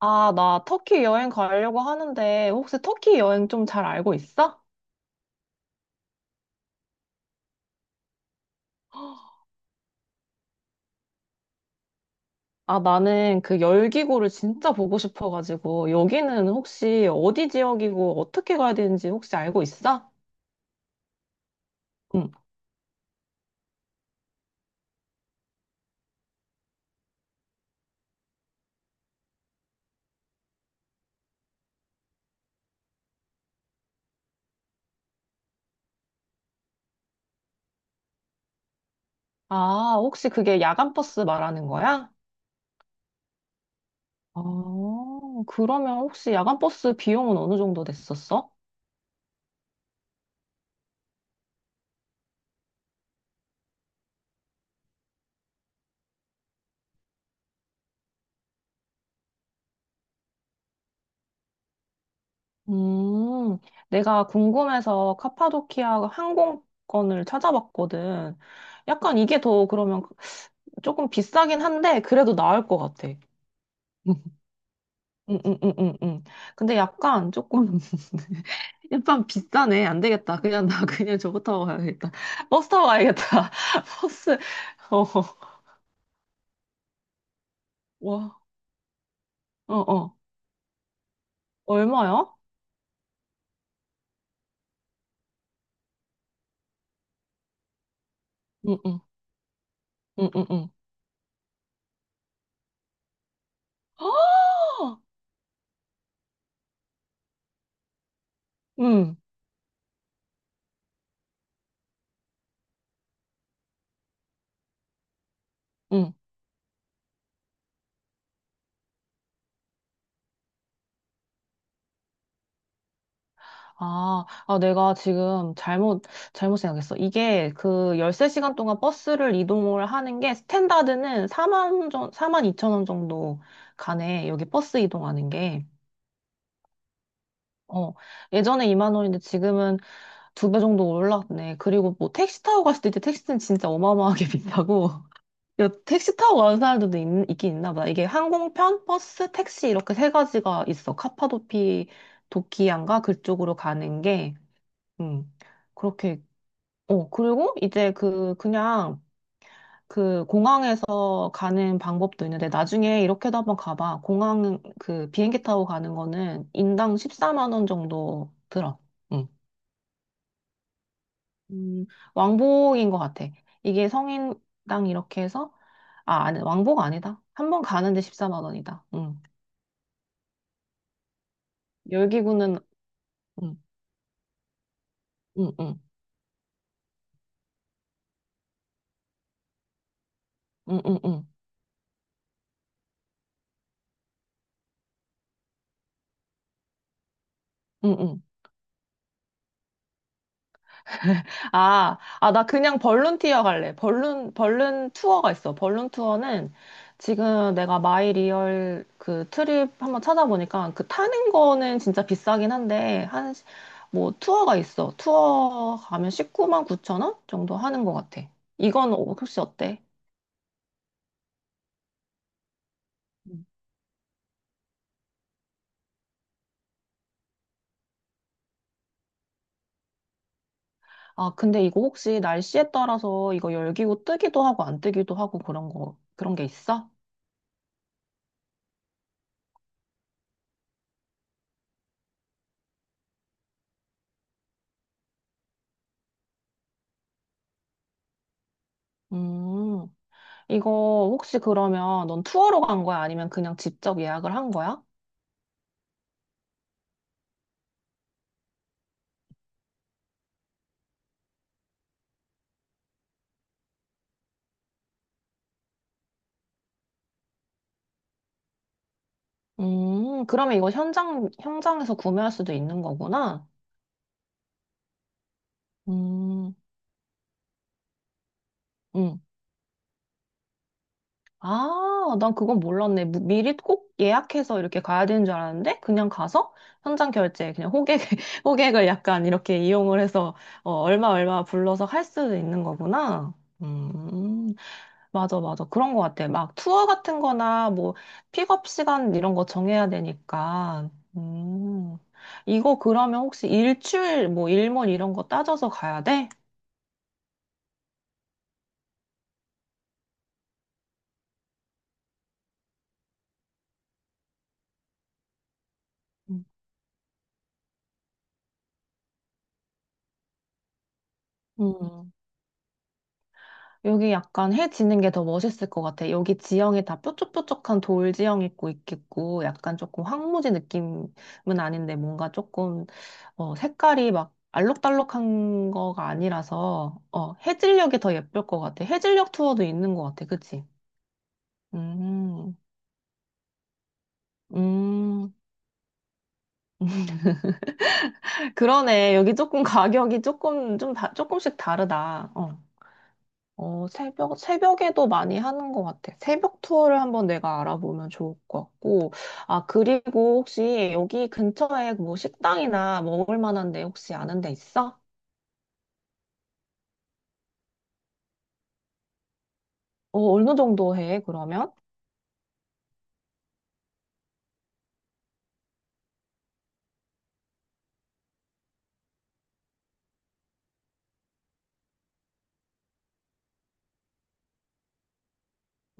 아, 나 터키 여행 가려고 하는데 혹시 터키 여행 좀 잘 알고 있어? 아, 나는 그 열기구를 진짜 보고 싶어가지고 여기는 혹시 어디 지역이고 어떻게 가야 되는지 혹시 알고 있어? 응. 아, 혹시 그게 야간 버스 말하는 거야? 아, 그러면 혹시 야간 버스 비용은 어느 정도 됐었어? 음, 내가 궁금해서 카파도키아 항공권을 찾아봤거든. 약간 이게 더 그러면 조금 비싸긴 한데 그래도 나을 것 같아. 음, 음, 음, 음, 음. 근데 약간 조금 약간 비싸네. 안 되겠다. 그냥 나 그냥 저거 타고 가야겠다. 버스 타고 가야겠다. 버스. 어, 어. 와, 어, 어. 얼마야? 응, 응, 응, 응, 응. 아! 응, 응. 아, 아, 내가 지금 잘못 생각했어. 이게 그 13시간 동안 버스를 이동을 하는 게 스탠다드는 사만 2천 원 정도 가네. 여기 버스 이동하는 게. 어, 예전에 2만 원인데 지금은 두 배 정도 올랐네. 그리고 뭐 택시 타고 갔을 때 택시는 진짜 어마어마하게 비싸고. 야, 택시 타고 가는 사람들도 있긴 있나 보다. 이게 항공편, 버스, 택시 이렇게 세 가지가 있어. 도키안가 그쪽으로 가는 게. 음. 그렇게 어, 그리고 이제 그냥 그 공항에서 가는 방법도 있는데 나중에 이렇게도 한번 가봐. 공항 그 비행기 타고 가는 거는 인당 14만 원 정도 들어. 응. 음, 왕복인 것 같아. 이게 성인당 이렇게 해서, 아, 아니, 왕복 아니다. 한 번 가는데 14만 원이다. 응. 열기구는, 응, 응, 응, 응, 응, 응, 응. 응. 아, 아, 나 그냥 벌룬티어 갈래. 벌룬 투어가 있어. 벌룬 투어는 지금 내가 마이리얼 그 트립 한번 찾아보니까 그 타는 거는 진짜 비싸긴 한데, 뭐 투어가 있어. 투어 가면 19만 9천 원 정도 하는 것 같아. 이건 어, 혹시 어때? 음. 아, 근데 이거 혹시 날씨에 따라서 이거 열기고 뜨기도 하고 안 뜨기도 하고 그런 게 있어? 음. 이거 혹시 그러면 넌 투어로 간 거야? 아니면 그냥 직접 예약을 한 거야? 그러면 이거 현장에서 구매할 수도 있는 거구나? 음, 음. 아, 난 그건 몰랐네. 미리 꼭 예약해서 이렇게 가야 되는 줄 알았는데, 그냥 가서 현장 결제, 그냥 호객, 호객을 약간 이렇게 이용을 해서, 어, 얼마 불러서 할 수도 있는 거구나? 음. 맞아, 맞아. 그런 것 같아. 막 투어 같은 거나 뭐 픽업 시간 이런 거 정해야 되니까. 음. 이거 그러면 혹시 일출, 뭐 일몰 이런 거 따져서 가야 돼? 음. 음. 여기 약간 해 지는 게 더 멋있을 것 같아. 여기 지형이 다 뾰족뾰족한 돌 지형 있고 있겠고, 약간 조금 황무지 느낌은 아닌데 뭔가 조금 어, 색깔이 막 알록달록한 거가 아니라서 어, 해질녘이 더 예쁠 것 같아. 해질녘 투어도 있는 것 같아. 그치? 음, 음. 그러네. 여기 조금 가격이 조금씩 다르다. 어. 어, 새벽에도 많이 하는 것 같아. 새벽 투어를 한번 내가 알아보면 좋을 것 같고. 아, 그리고 혹시 여기 근처에 뭐 식당이나 먹을 만한 데 혹시 아는 데 있어? 어, 어느 정도 해, 그러면?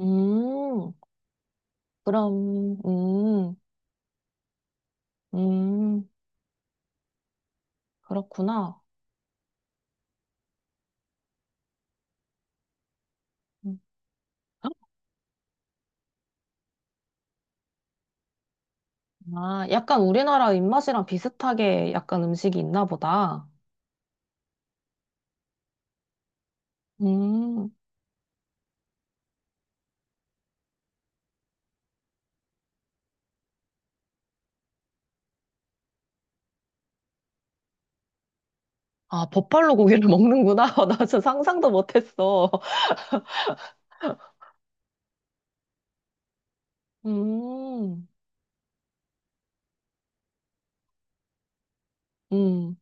음, 그럼, 음, 그렇구나. 음. 아, 약간 우리나라 입맛이랑 비슷하게 약간 음식이 있나 보다. 음. 아, 버팔로 고기를 먹는구나. 나 진짜 상상도 못했어. 음. 음.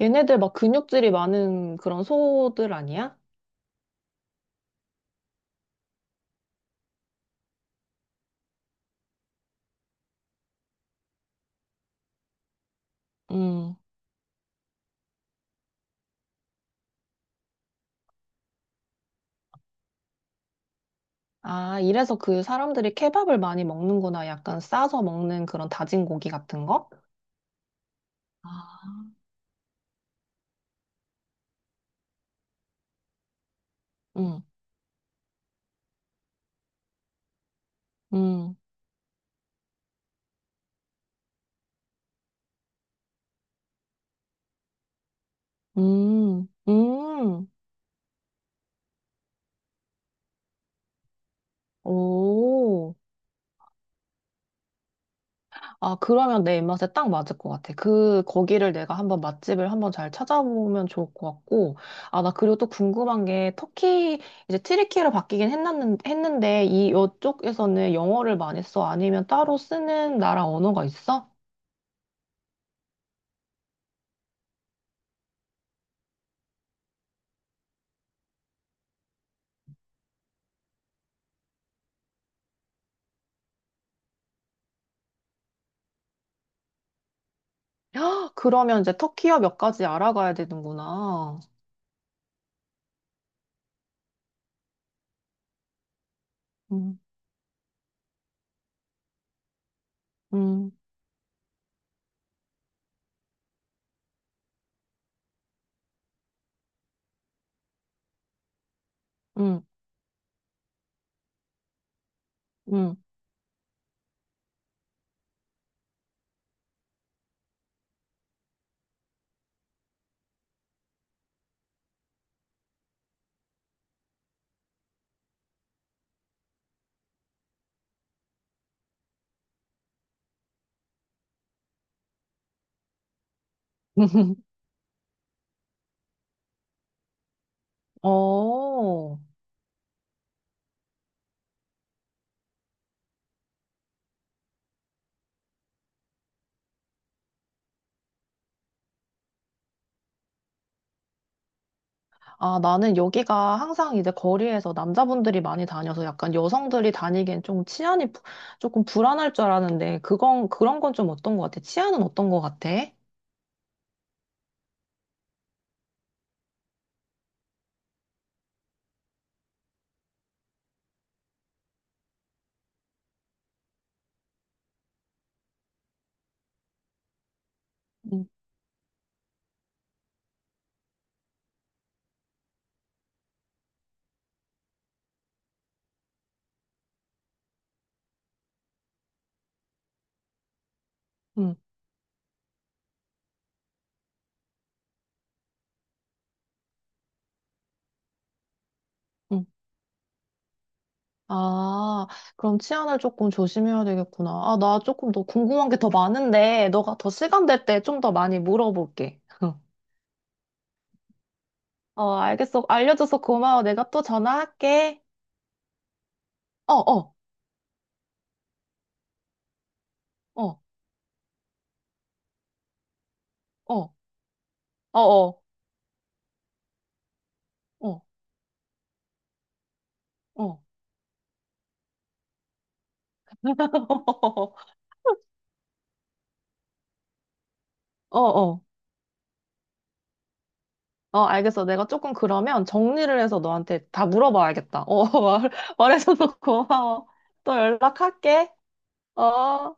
얘네들 막 근육질이 많은 그런 소들 아니야? 음. 아, 이래서 그 사람들이 케밥을 많이 먹는구나. 약간 싸서 먹는 그런 다진 고기 같은 거? 아. 음. 음. 음. 음. 오. 아, 그러면 내 입맛에 딱 맞을 것 같아. 그, 거기를 내가 한번 맛집을 한번 잘 찾아보면 좋을 것 같고. 아, 나 그리고 또 궁금한 게, 터키, 이제 튀르키예로 했는데, 이, 이쪽에서는 영어를 많이 써? 아니면 따로 쓰는 나라 언어가 있어? 헉, 그러면 이제 터키어 몇 가지 알아가야 되는구나. 음, 음, 음, 음. 어. 아, 나는 여기가 항상 이제 거리에서 남자분들이 많이 다녀서 약간 여성들이 다니기엔 좀 조금 불안할 줄 알았는데, 그런 건 좀 어떤 것 같아? 치안은 어떤 것 같아? 응, 응, 응. 아, 그럼 치안을 조금 조심해야 되겠구나. 아, 나 조금 더 궁금한 게 더 많은데, 너가 더 시간 될 때 좀 더 많이 물어볼게. 어, 알겠어. 알려줘서 고마워. 내가 또 전화할게. 어, 어, 어, 어, 어, 어, 어, 어, 어, 어, 어. 어, 알겠어. 내가 조금 그러면 정리를 해서 너한테 다 물어봐야겠다. 어, 말, 말해줘서 고마워. 또 연락할게. 어.